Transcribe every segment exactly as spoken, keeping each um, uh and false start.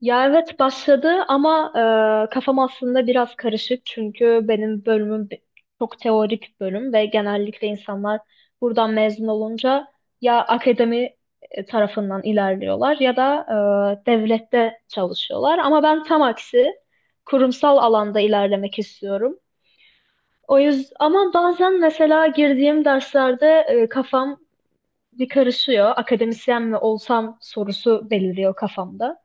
Ya evet başladı ama e, kafam aslında biraz karışık çünkü benim bölümüm bi- çok teorik bölüm ve genellikle insanlar buradan mezun olunca ya akademi e, tarafından ilerliyorlar ya da e, devlette çalışıyorlar ama ben tam aksi kurumsal alanda ilerlemek istiyorum. O yüzden ama bazen mesela girdiğim derslerde e, kafam bir karışıyor. Akademisyen mi olsam sorusu beliriyor kafamda.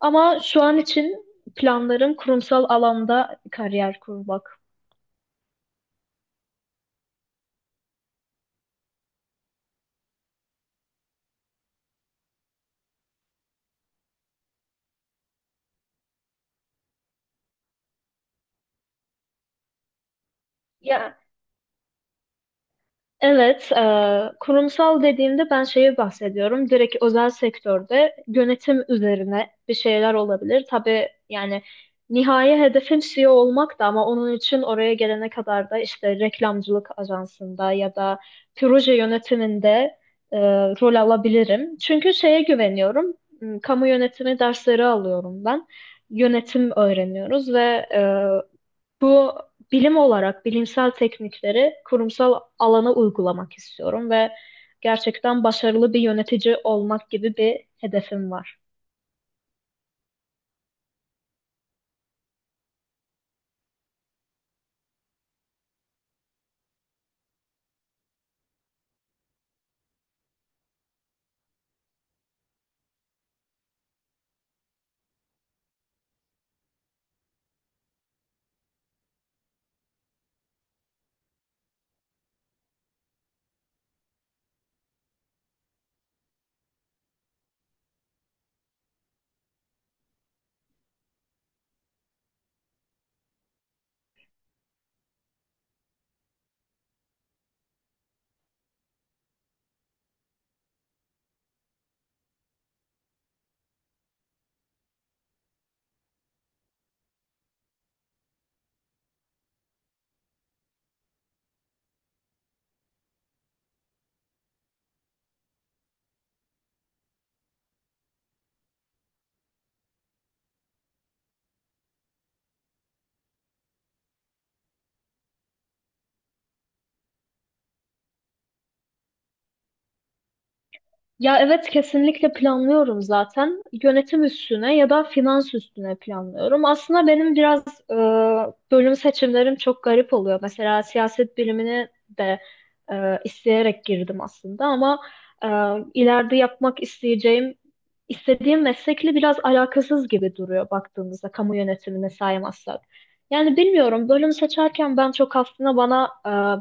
Ama şu an için planlarım kurumsal alanda kariyer kurmak. Ya evet, e, kurumsal dediğimde ben şeyi bahsediyorum. Direkt özel sektörde yönetim üzerine bir şeyler olabilir. Tabii yani nihai hedefim C E O olmak da ama onun için oraya gelene kadar da işte reklamcılık ajansında ya da proje yönetiminde e, rol alabilirim. Çünkü şeye güveniyorum. m, Kamu yönetimi dersleri alıyorum ben. Yönetim öğreniyoruz ve e, bu bilim olarak bilimsel teknikleri kurumsal alana uygulamak istiyorum ve gerçekten başarılı bir yönetici olmak gibi bir hedefim var. Ya evet kesinlikle planlıyorum zaten. Yönetim üstüne ya da finans üstüne planlıyorum. Aslında benim biraz e, bölüm seçimlerim çok garip oluyor. Mesela siyaset bilimini de e, isteyerek girdim aslında ama e, ileride yapmak isteyeceğim istediğim meslekle biraz alakasız gibi duruyor baktığımızda kamu yönetimine saymazsak. Yani bilmiyorum bölüm seçerken ben çok aslında bana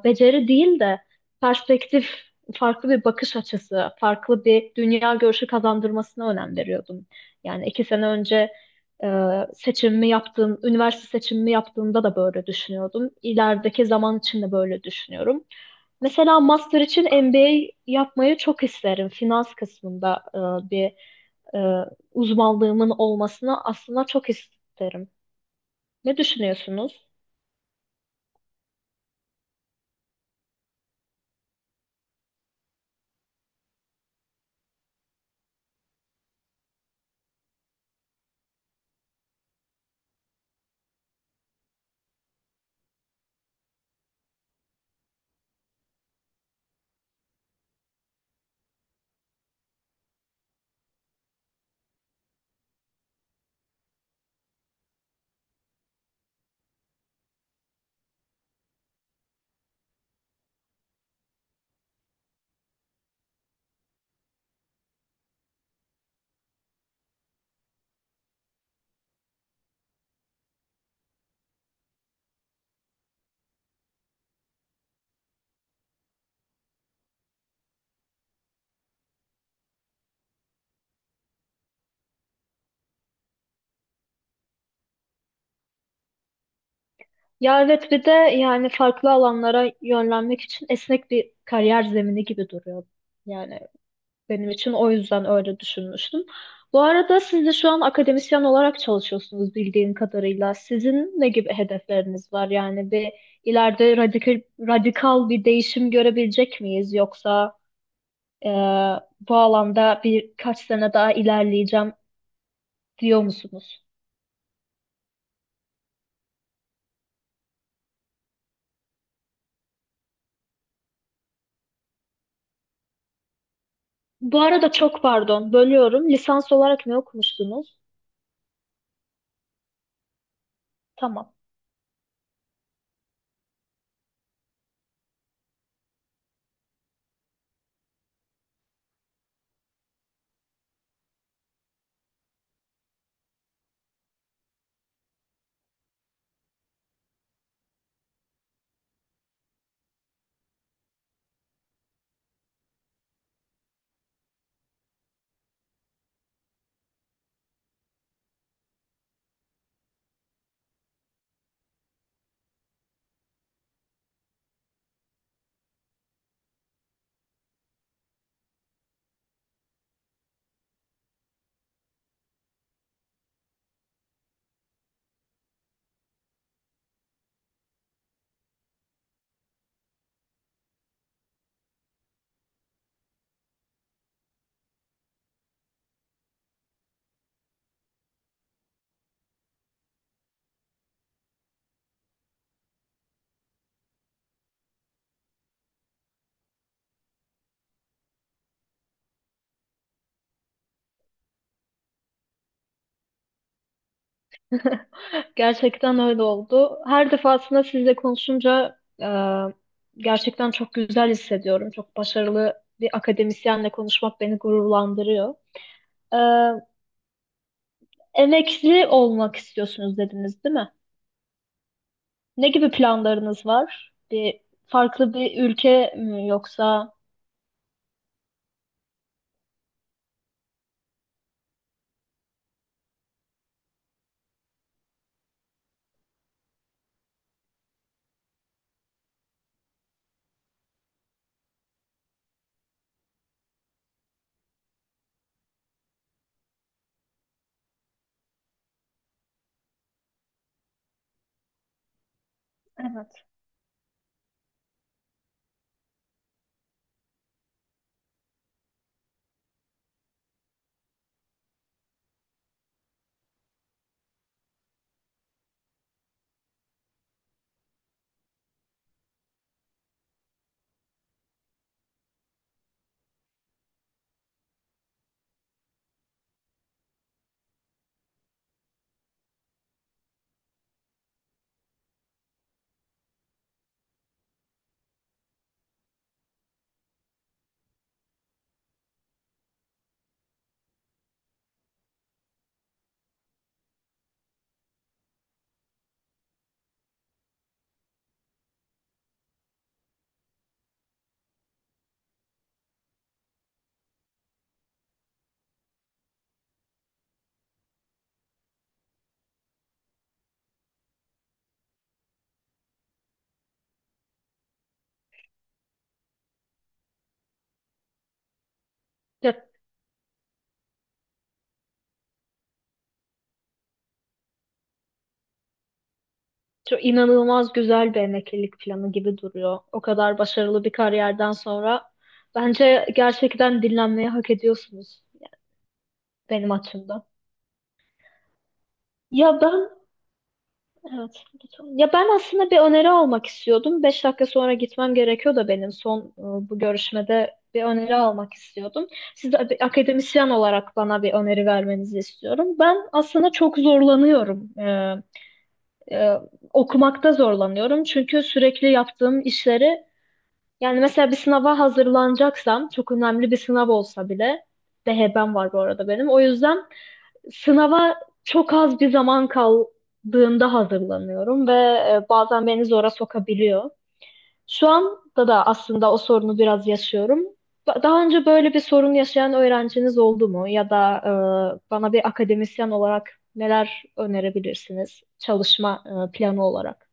e, beceri değil de perspektif farklı bir bakış açısı, farklı bir dünya görüşü kazandırmasına önem veriyordum. Yani iki sene önce e, seçimimi yaptığım, üniversite seçimimi yaptığımda da böyle düşünüyordum. İlerideki zaman için de böyle düşünüyorum. Mesela master için M B A yapmayı çok isterim. Finans kısmında e, bir e, uzmanlığımın olmasını aslında çok isterim. Ne düşünüyorsunuz? Ya evet, bir de yani farklı alanlara yönlenmek için esnek bir kariyer zemini gibi duruyor. Yani benim için o yüzden öyle düşünmüştüm. Bu arada siz de şu an akademisyen olarak çalışıyorsunuz bildiğim kadarıyla. Sizin ne gibi hedefleriniz var? Yani bir ileride radikal, radikal bir değişim görebilecek miyiz? Yoksa e, bu alanda birkaç sene daha ilerleyeceğim diyor musunuz? Bu arada çok pardon, bölüyorum. Lisans olarak ne okumuştunuz? Tamam. Gerçekten öyle oldu. Her defasında sizle konuşunca e, gerçekten çok güzel hissediyorum. Çok başarılı bir akademisyenle konuşmak beni gururlandırıyor. E, Emekli olmak istiyorsunuz dediniz, değil mi? Ne gibi planlarınız var? Bir farklı bir ülke mi yoksa? Evet. Ya, çok inanılmaz güzel bir emeklilik planı gibi duruyor. O kadar başarılı bir kariyerden sonra bence gerçekten dinlenmeyi hak ediyorsunuz benim açımdan. Ya ben, evet, lütfen. Ya ben aslında bir öneri almak istiyordum. Beş dakika sonra gitmem gerekiyor da benim son e, bu görüşmede bir öneri almak istiyordum. Siz de bir akademisyen olarak bana bir öneri vermenizi istiyorum. Ben aslında çok zorlanıyorum. E, e, Okumakta zorlanıyorum. Çünkü sürekli yaptığım işleri yani mesela bir sınava hazırlanacaksam çok önemli bir sınav olsa bile D H B'm var bu arada benim. O yüzden sınava çok az bir zaman kaldığında hazırlanıyorum ve e, bazen beni zora sokabiliyor. Şu anda da aslında o sorunu biraz yaşıyorum. Ba- Daha önce böyle bir sorun yaşayan öğrenciniz oldu mu? Ya da e, bana bir akademisyen olarak neler önerebilirsiniz çalışma e, planı olarak?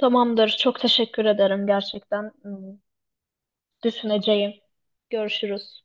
Tamamdır. Çok teşekkür ederim gerçekten. Hmm, Düşüneceğim. Görüşürüz.